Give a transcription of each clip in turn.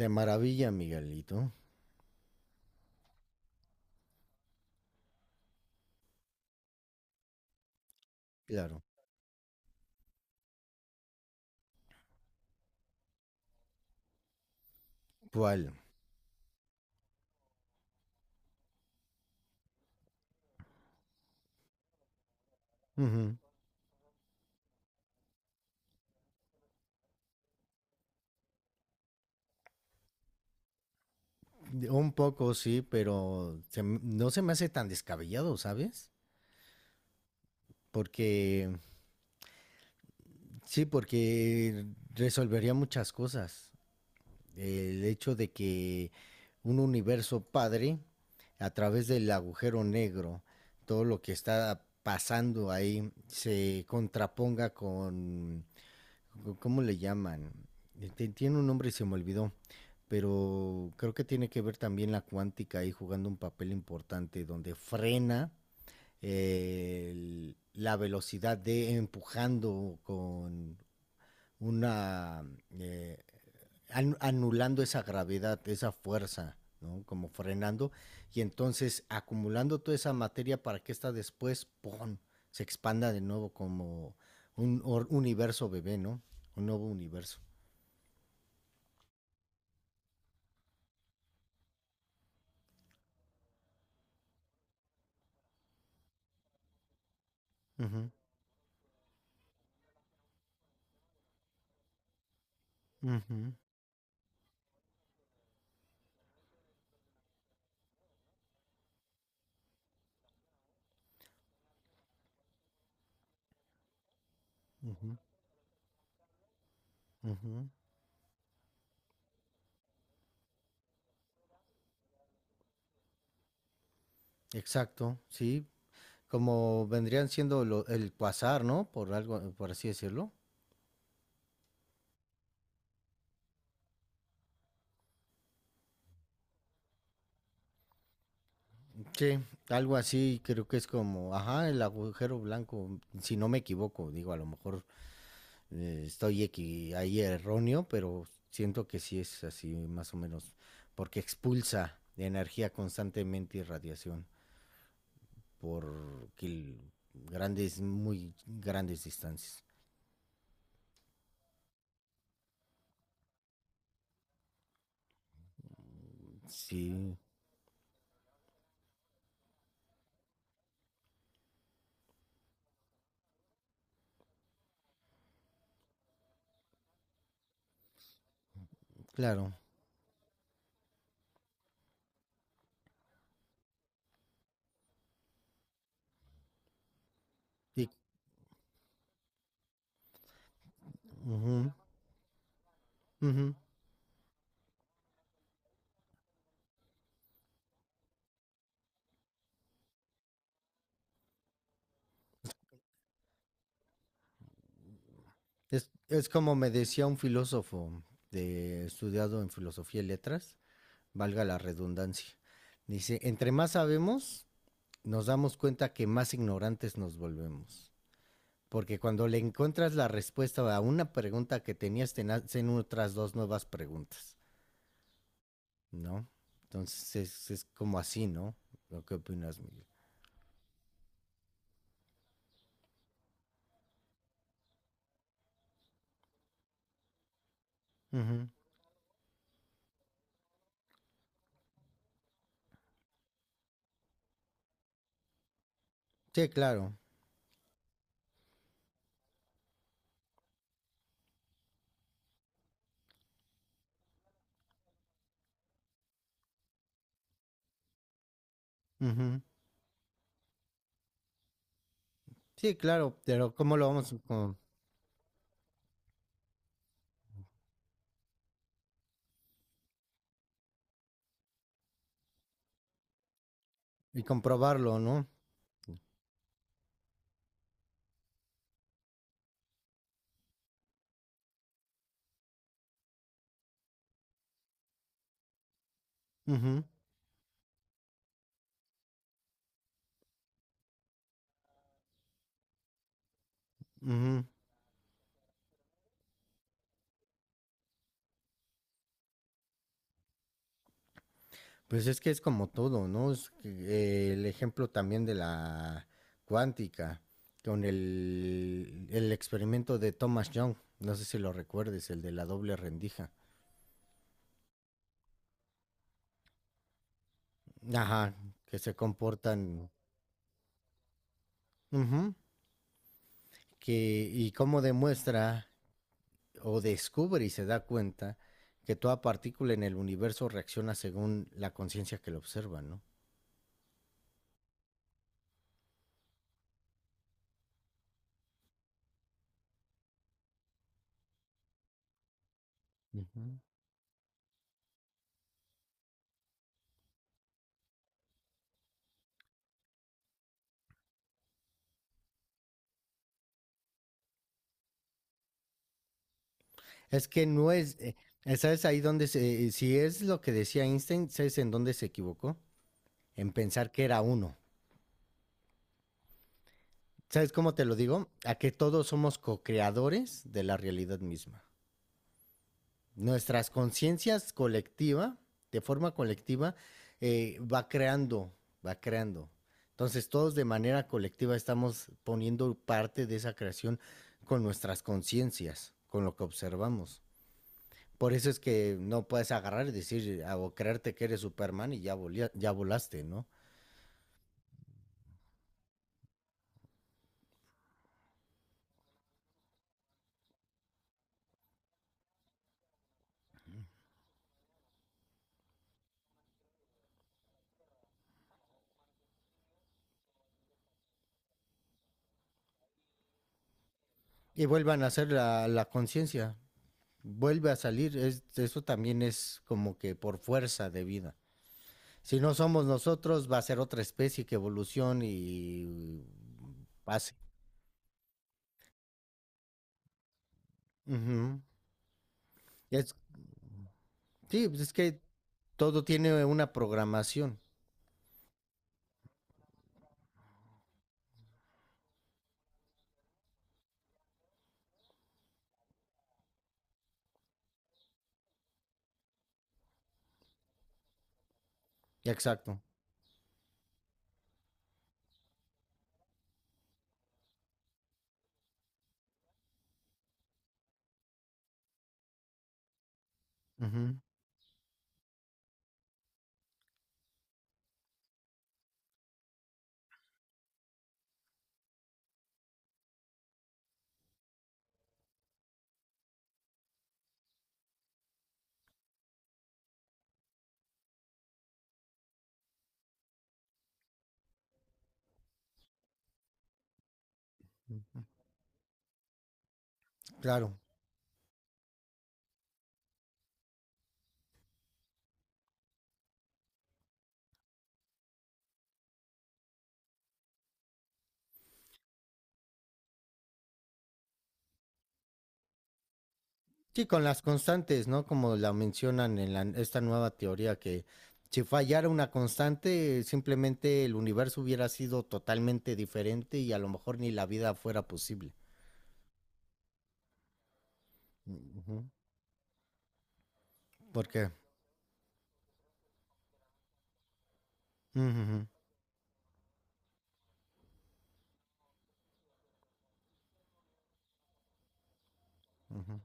De maravilla, Miguelito. Claro. ¿Cuál? Ujú. Un poco sí, pero no se me hace tan descabellado, ¿sabes? Porque sí, porque resolvería muchas cosas. El hecho de que un universo padre, a través del agujero negro, todo lo que está pasando ahí se contraponga con... ¿Cómo le llaman? Tiene un nombre y se me olvidó, pero creo que tiene que ver también la cuántica ahí jugando un papel importante donde frena la velocidad de empujando con una eh, anulando esa gravedad, esa fuerza, ¿no? Como frenando y entonces acumulando toda esa materia para que esta después, ¡pum!, se expanda de nuevo como universo bebé, ¿no? Un nuevo universo. Uh -huh, uh -huh, uh -huh, Exacto, sí. Como vendrían siendo lo, el cuasar, ¿no? Por algo, por así decirlo. Sí, algo así, creo que es como, ajá, el agujero blanco, si no me equivoco, digo, a lo mejor ahí erróneo, pero siento que sí es así, más o menos, porque expulsa energía constantemente y radiación por kil- grandes, muy grandes distancias. Sí, claro. Y- ujú, ujú. Es como me decía un filósofo de, estudiado en filosofía y letras, valga la redundancia. Dice, entre más sabemos, nos damos cuenta que más ignorantes nos volvemos. Porque cuando le encuentras la respuesta a una pregunta que tenías, te nacen otras dos nuevas preguntas, ¿no? Entonces es como así, ¿no? ¿Lo que opinas, Miguel? Uh -huh. Sí, claro. Uh -huh. Sí, claro, pero ¿cómo lo vamos a, como, y comprobarlo, no? Uh -huh. Pues es que es como todo, ¿no? Es que, el ejemplo también de la cuántica, con el experimento de Thomas Young, no sé si lo recuerdes, el de la doble rendija. Ajá, que se comportan. Ujú, que, y cómo demuestra o descubre y se da cuenta que toda partícula en el universo reacciona según la conciencia que lo observa, ¿no? Ujú. Es que no es, ¿sabes ahí donde se, si es lo que decía Einstein, ¿sabes en dónde se equivocó? En pensar que era uno. ¿Sabes cómo te lo digo? A que todos somos co-creadores de la realidad misma. Nuestras conciencias colectiva, de forma colectiva, va creando, va creando. Entonces todos de manera colectiva estamos poniendo parte de esa creación con nuestras conciencias, con lo que observamos. Por eso es que no puedes agarrar y decir ah, o creerte que eres Superman y ya, ya volaste, ¿no? Y vuelvan a hacer la conciencia, vuelve a salir, eso también es como que por fuerza de vida. Si no somos nosotros, va a ser otra especie que evolucione y pase. Ujú. Es- sí, pues es que todo tiene una programación. Exacto. Ujú. Claro. Sí, con las constantes, ¿no? Como la mencionan en esta nueva teoría, que si fallara una constante, simplemente el universo hubiera sido totalmente diferente y a lo mejor ni la vida fuera posible. Ujú. ¿Por qué? Ujú, ujú,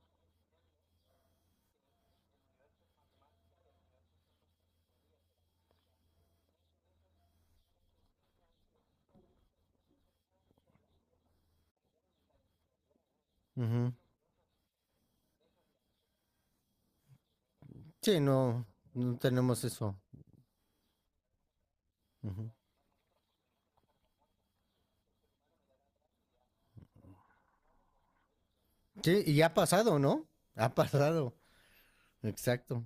ujú. Sí, no, no tenemos eso. Ujú. Sí, y ha pasado, ¿no? Ha pasado. Exacto.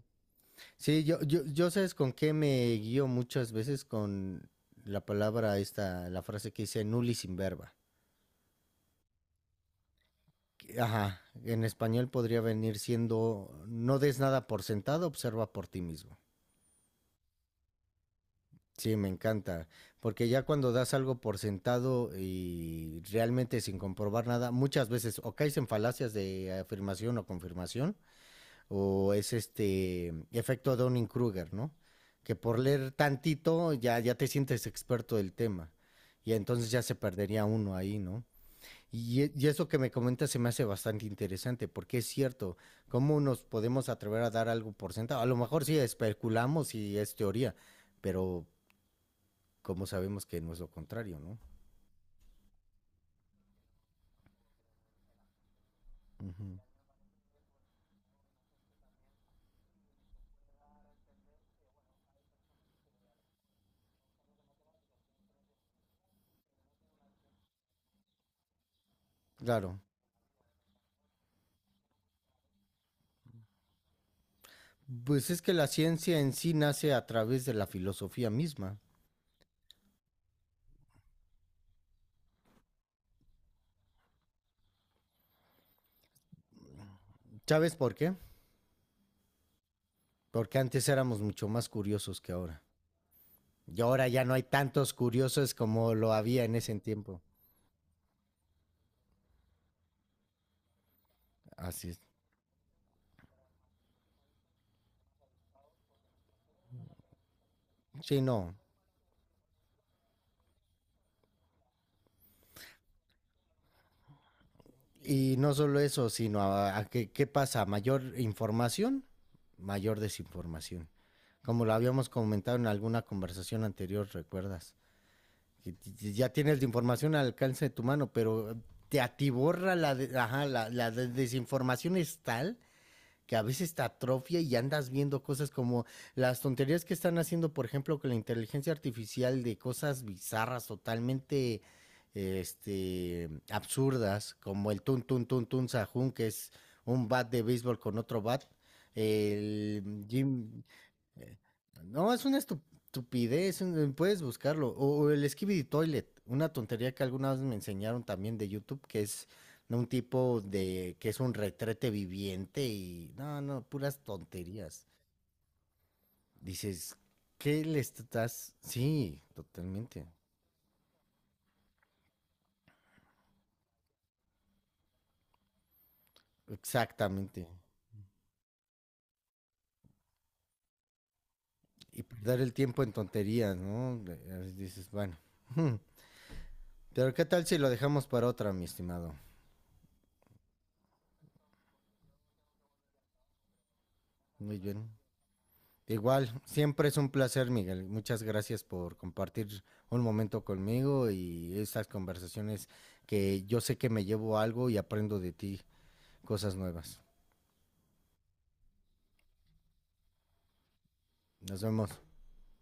Sí, yo sabes con qué me guío muchas veces con la palabra esta, la frase que dice nulli sin verba. Ajá, en español podría venir siendo, no des nada por sentado, observa por ti mismo. Sí, me encanta, porque ya cuando das algo por sentado y realmente sin comprobar nada, muchas veces o caes en falacias de afirmación o confirmación, o es este efecto Dunning-Kruger, ¿no? Que por leer tantito ya, ya te sientes experto del tema, y entonces ya se perdería uno ahí, ¿no? Y eso que me comentas se me hace bastante interesante, porque es cierto, ¿cómo nos podemos atrever a dar algo por sentado? A lo mejor sí especulamos y es teoría, pero como sabemos que no es lo contrario, ¿no? Ujú. Claro. Pues es que la ciencia en sí nace a través de la filosofía misma. ¿Sabes por qué? Porque antes éramos mucho más curiosos que ahora. Y ahora ya no hay tantos curiosos como lo había en ese tiempo. Así es. Sí, no. Y no solo eso, sino a, qué pasa, mayor información, mayor desinformación. Como lo habíamos comentado en alguna conversación anterior, ¿recuerdas? Que ya tienes la información al alcance de tu mano, pero te atiborra ajá, la desinformación es tal que a veces te atrofia y andas viendo cosas como las tonterías que están haciendo, por ejemplo, con la inteligencia artificial de cosas bizarras, totalmente este, absurdas, como el tun tun tun tun sajun, que es un bat de béisbol con otro bat, el Jim, no, es una estupidez, puedes buscarlo. O el Skibidi Toilet, una tontería que alguna vez me enseñaron también de YouTube, que es de un tipo de que es un retrete viviente y no, no, puras tonterías. Dices, ¿qué le estás? Sí, totalmente, exactamente. Y perder el tiempo en tonterías, ¿no? Dices, bueno. Pero ¿qué tal si lo dejamos para otra, mi estimado? Muy bien. Igual, siempre es un placer, Miguel. Muchas gracias por compartir un momento conmigo y estas conversaciones que yo sé que me llevo algo y aprendo de ti cosas nuevas. Nos vemos.